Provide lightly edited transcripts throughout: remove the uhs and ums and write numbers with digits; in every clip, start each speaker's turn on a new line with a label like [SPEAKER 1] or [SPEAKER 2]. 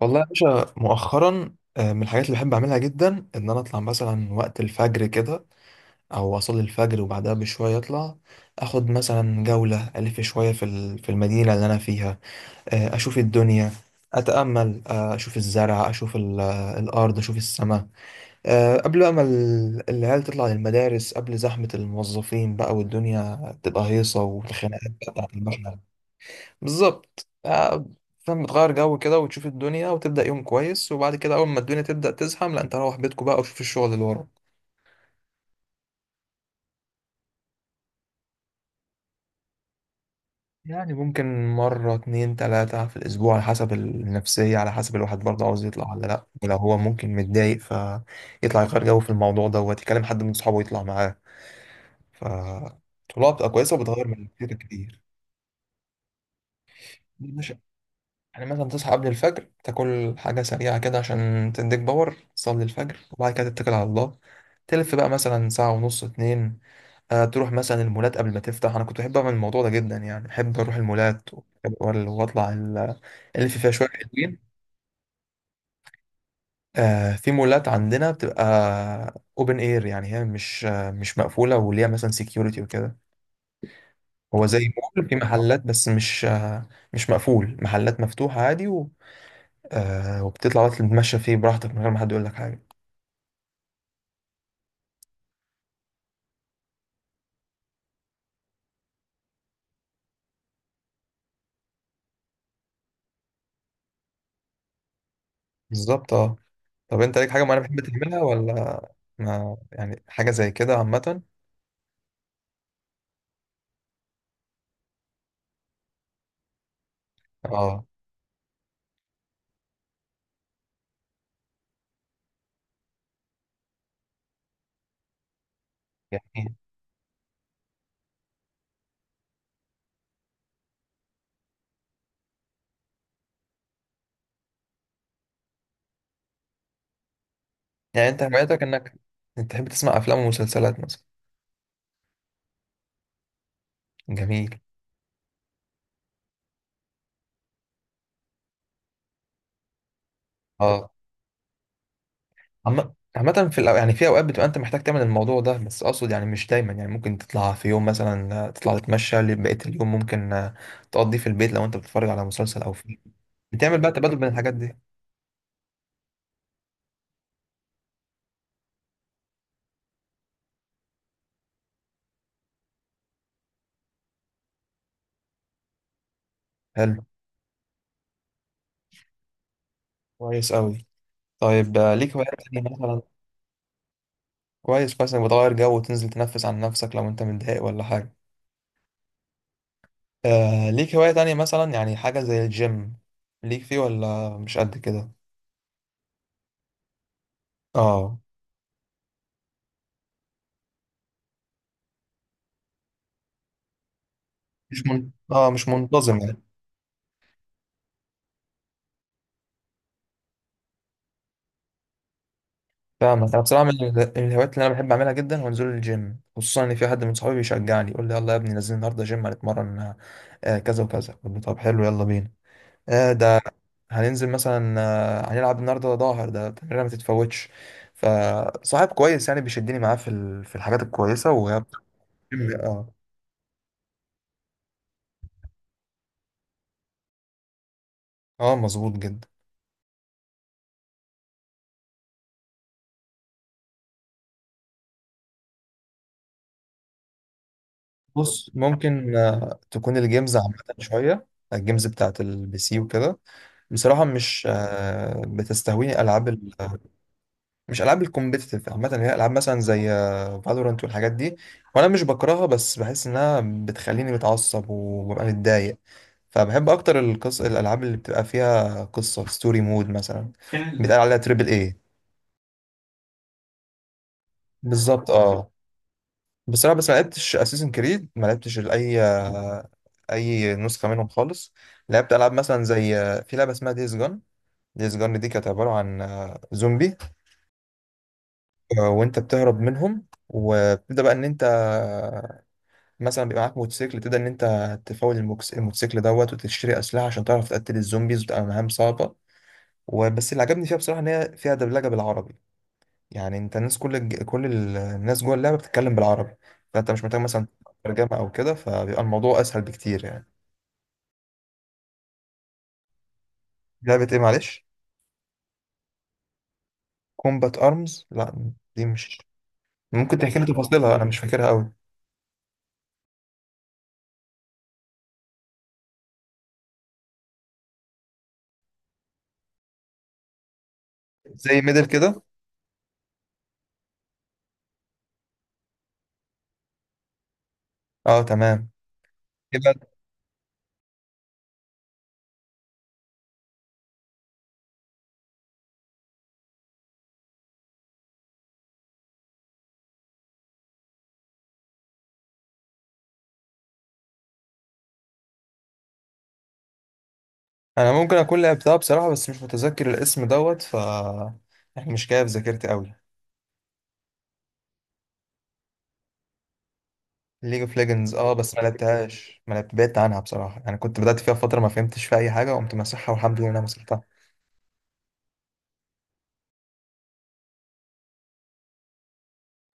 [SPEAKER 1] والله يا باشا، مؤخرا من الحاجات اللي بحب اعملها جدا ان انا اطلع مثلا وقت الفجر كده، او اصلي الفجر وبعدها بشويه اطلع، اخد مثلا جوله الف شويه في المدينه اللي انا فيها. اشوف الدنيا، اتامل، اشوف الزرع، اشوف الارض، اشوف السماء. قبل بقى ما العيال تطلع للمدارس، قبل زحمه الموظفين بقى، والدنيا تبقى هيصه، والخناقات بقى بتاعت المشنى. بالظبط فاهم، بتغير جو كده وتشوف الدنيا وتبدأ يوم كويس، وبعد كده أول ما الدنيا تبدأ تزحم، لا، أنت روح بيتكم بقى وشوف الشغل اللي وراك. يعني ممكن مرة اتنين تلاتة في الأسبوع، على حسب النفسية، على حسب الواحد برضه عاوز يطلع ولا لأ، ولو هو ممكن متضايق فيطلع يغير جو في الموضوع دوت، يكلم حد من صحابه يطلع معاه. فالطلوع بتبقى كويسة وبتغير من كتير كتير. دي مش. يعني مثلا تصحى قبل الفجر، تاكل حاجة سريعة كده عشان تديك باور، تصلي الفجر وبعد كده تتكل على الله، تلف بقى مثلا ساعة ونص، اتنين. آه، تروح مثلا المولات قبل ما تفتح. أنا كنت بحب أعمل الموضوع ده جدا، يعني بحب أروح المولات ألف فيها شوية حلوين. آه، في مولات عندنا بتبقى اوبن اير، يعني هي مش مقفولة وليها مثلا سكيورتي وكده. هو زي مول، في محلات، بس مش مقفول، محلات مفتوحة عادي. وبتطلع بقى تتمشى فيه براحتك من غير ما حد يقول لك حاجة. بالظبط، اه. طب انت ليك حاجه معينه بتحب تعملها، ولا ما يعني، حاجه زي كده عامه؟ اه، جميل. يعني انت هوايتك انك انت تحب تسمع افلام ومسلسلات مثلا؟ جميل. اه. عامة في يعني في اوقات بتبقى انت محتاج تعمل الموضوع ده، بس اقصد يعني مش دايما، يعني ممكن تطلع في يوم مثلا تطلع تتمشى لبقية اليوم، ممكن تقضيه في البيت لو انت بتتفرج على مسلسل او فيلم، بتعمل بقى تبادل بين الحاجات دي. حلو. كويس قوي. طيب ليك هوايات تانية مثلا؟ كويس كويس انك بتغير جو وتنزل تنفس عن نفسك لو انت متضايق ولا حاجة. آه، ليك هواية تانية مثلا؟ يعني حاجة زي الجيم، ليك فيه ولا مش قد كده؟ اه. مش منتظم يعني. فاهمك. انا بصراحة من الهوايات اللي انا بحب اعملها جدا هو نزول الجيم، خصوصا ان في حد من صحابي بيشجعني، يقول لي يلا يا ابني نزلنا النهارده جيم هنتمرن، كذا وكذا. قلت له طب حلو، يلا بينا. آه ده هننزل مثلا، هنلعب النهارده، ظاهر ده تمرينه ما تتفوتش. فصاحب كويس يعني، بيشدني معاه في الحاجات الكويسة. مم. اه. اه، مظبوط جدا. بص، ممكن تكون الجيمز عامة شوية. الجيمز بتاعت البي سي وكده، بصراحة مش آه، بتستهويني ألعاب مش ألعاب الكومبيتيتيف عامة، اللي هي ألعاب مثلا زي فالورانت والحاجات دي، وأنا مش بكرهها بس بحس إنها بتخليني متعصب وببقى متضايق. فبحب أكتر الألعاب اللي بتبقى فيها قصة، ستوري مود مثلا، كان بيتقال عليها تريبل إيه. بالظبط، اه. بس انا، بس ما لعبتش اساسن كريد، ما لعبتش اي نسخه منهم خالص. لعبت العاب مثلا زي، في لعبه اسمها ديز جون. ديز جون دي كانت عباره عن زومبي، وانت بتهرب منهم، وبتبدا بقى ان انت مثلا بيبقى معاك موتوسيكل، تبدا ان انت تفاول الموتوسيكل دوت، وتشتري اسلحه عشان تعرف تقتل الزومبيز، وتبقى مهام صعبه. وبس اللي عجبني فيها بصراحه ان هي فيها دبلجه بالعربي، يعني انت، الناس كل الج- كل ال- الناس جوه اللعبه بتتكلم بالعربي، فانت مش محتاج مثلا ترجمه او كده، فبيبقى الموضوع اسهل بكتير يعني. لعبه ايه معلش؟ كومبات ارمز، لا دي مش. ممكن تحكي لي تفاصيلها، انا مش فاكرها قوي. زي ميدل كده؟ اه تمام. يبقى انا ممكن اكون لعبتها بصراحه، بس مش متذكر الاسم دوت، يعني مش جايه في ذاكرتي قوي. ليج اوف ليجندز، اه، بس ما لعبتهاش، ما لعبت بعدت عنها بصراحه، يعني كنت بدات فيها فتره ما فهمتش فيها اي حاجه، وقمت مسحها، والحمد لله إن انا مسحتها.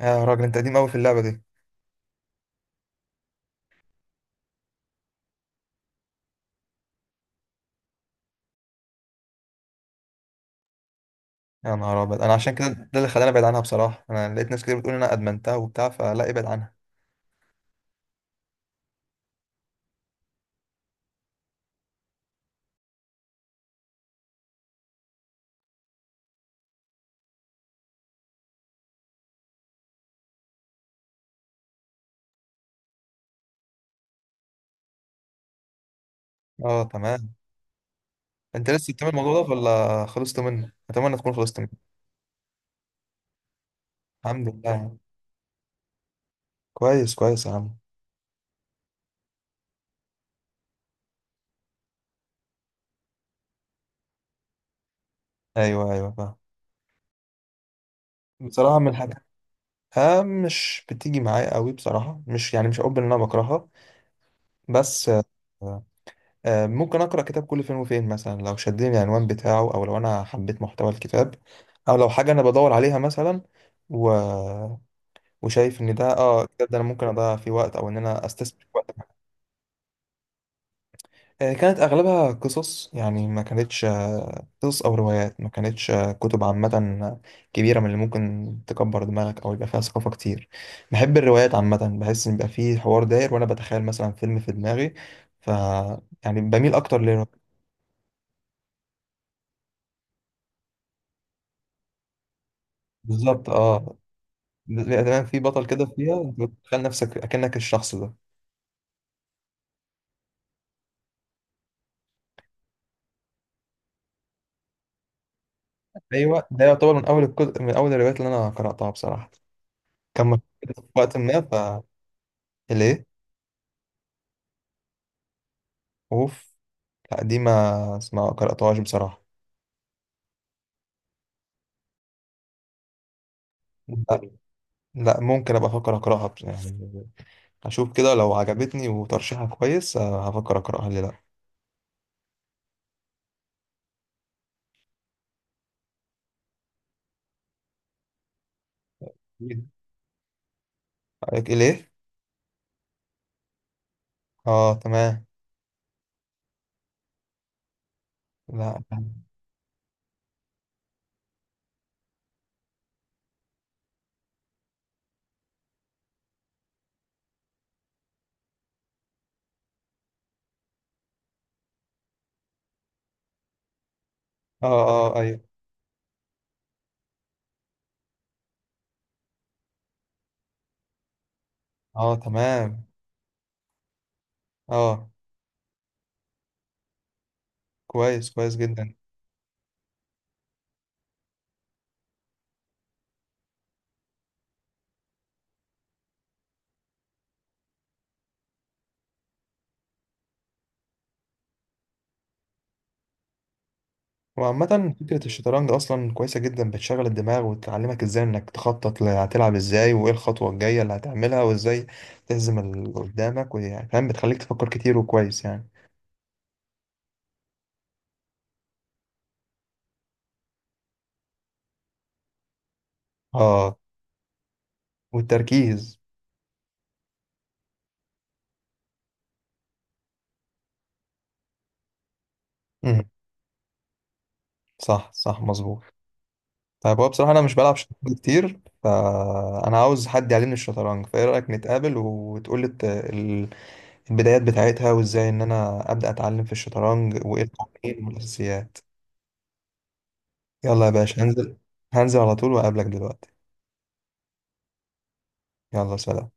[SPEAKER 1] يا راجل، انت قديم قوي في اللعبه دي! يا نهار ابيض، انا عشان كده، ده اللي خلاني ابعد عنها بصراحه، انا لقيت ناس كتير بتقول إن انا ادمنتها وبتاع، فلا ابعد عنها. اه تمام. انت لسه بتعمل الموضوع ده ولا خلصت منه؟ اتمنى تكون خلصت منه. الحمد لله يعني. كويس كويس يا عم. ايوه ايوه، فاهم. بصراحه من الحاجات، مش بتيجي معايا قوي بصراحه، مش يعني، مش هقول ان انا بكرهها بس. آه ممكن اقرا كتاب كل فين وفين مثلا، لو شدني العنوان بتاعه او لو انا حبيت محتوى الكتاب، او لو حاجه انا بدور عليها مثلا. و... وشايف ان ده، ده انا ممكن اضيع فيه وقت او ان انا استثمر وقت. كانت اغلبها قصص، يعني ما كانتش قصص او روايات، ما كانتش كتب عامه كبيره من اللي ممكن تكبر دماغك او يبقى فيها ثقافه كتير. بحب الروايات عامه، بحس ان يبقى فيه حوار داير وانا بتخيل مثلا فيلم في دماغي، ف يعني بميل اكتر للروايات. بالظبط، اه. بيبقى تمام، في بطل كده فيها انت بتتخيل نفسك اكنك الشخص ده. ايوه، ده يعتبر من اول الكتب، من اول الروايات اللي انا قراتها بصراحه، كان مشهور كده في وقت ما فليه. اوف. لا دي ما اسمها، قرأتهاش بصراحة. لا، لا ممكن ابقى افكر اقراها، يعني اشوف كده لو عجبتني وترشيحها كويس، هفكر اقراها، ليه لا. رأيك ايه ليه؟ اه تمام. لا. اه، اه، ايوه. اه تمام. اه. كويس كويس جدا. وعامة فكرة الشطرنج أصلا كويسة جدا، بتشغل الدماغ وتعلمك ازاي انك تخطط، هتلعب ازاي، وايه الخطوة الجاية اللي هتعملها، وازاي تهزم اللي قدامك، ويعني فاهم، بتخليك تفكر كتير وكويس يعني. اه. والتركيز. امم. صح صح، مظبوط. طيب، هو بصراحة أنا مش بلعب شطرنج كتير، فأنا عاوز حد يعلمني الشطرنج، فإيه رأيك نتقابل وتقولي البدايات بتاعتها، وازاي إن أنا أبدأ أتعلم في الشطرنج، وإيه القوانين والأساسيات؟ يلا يا باشا، هنزل. هنزل على طول وأقابلك دلوقتي. يلا، سلام.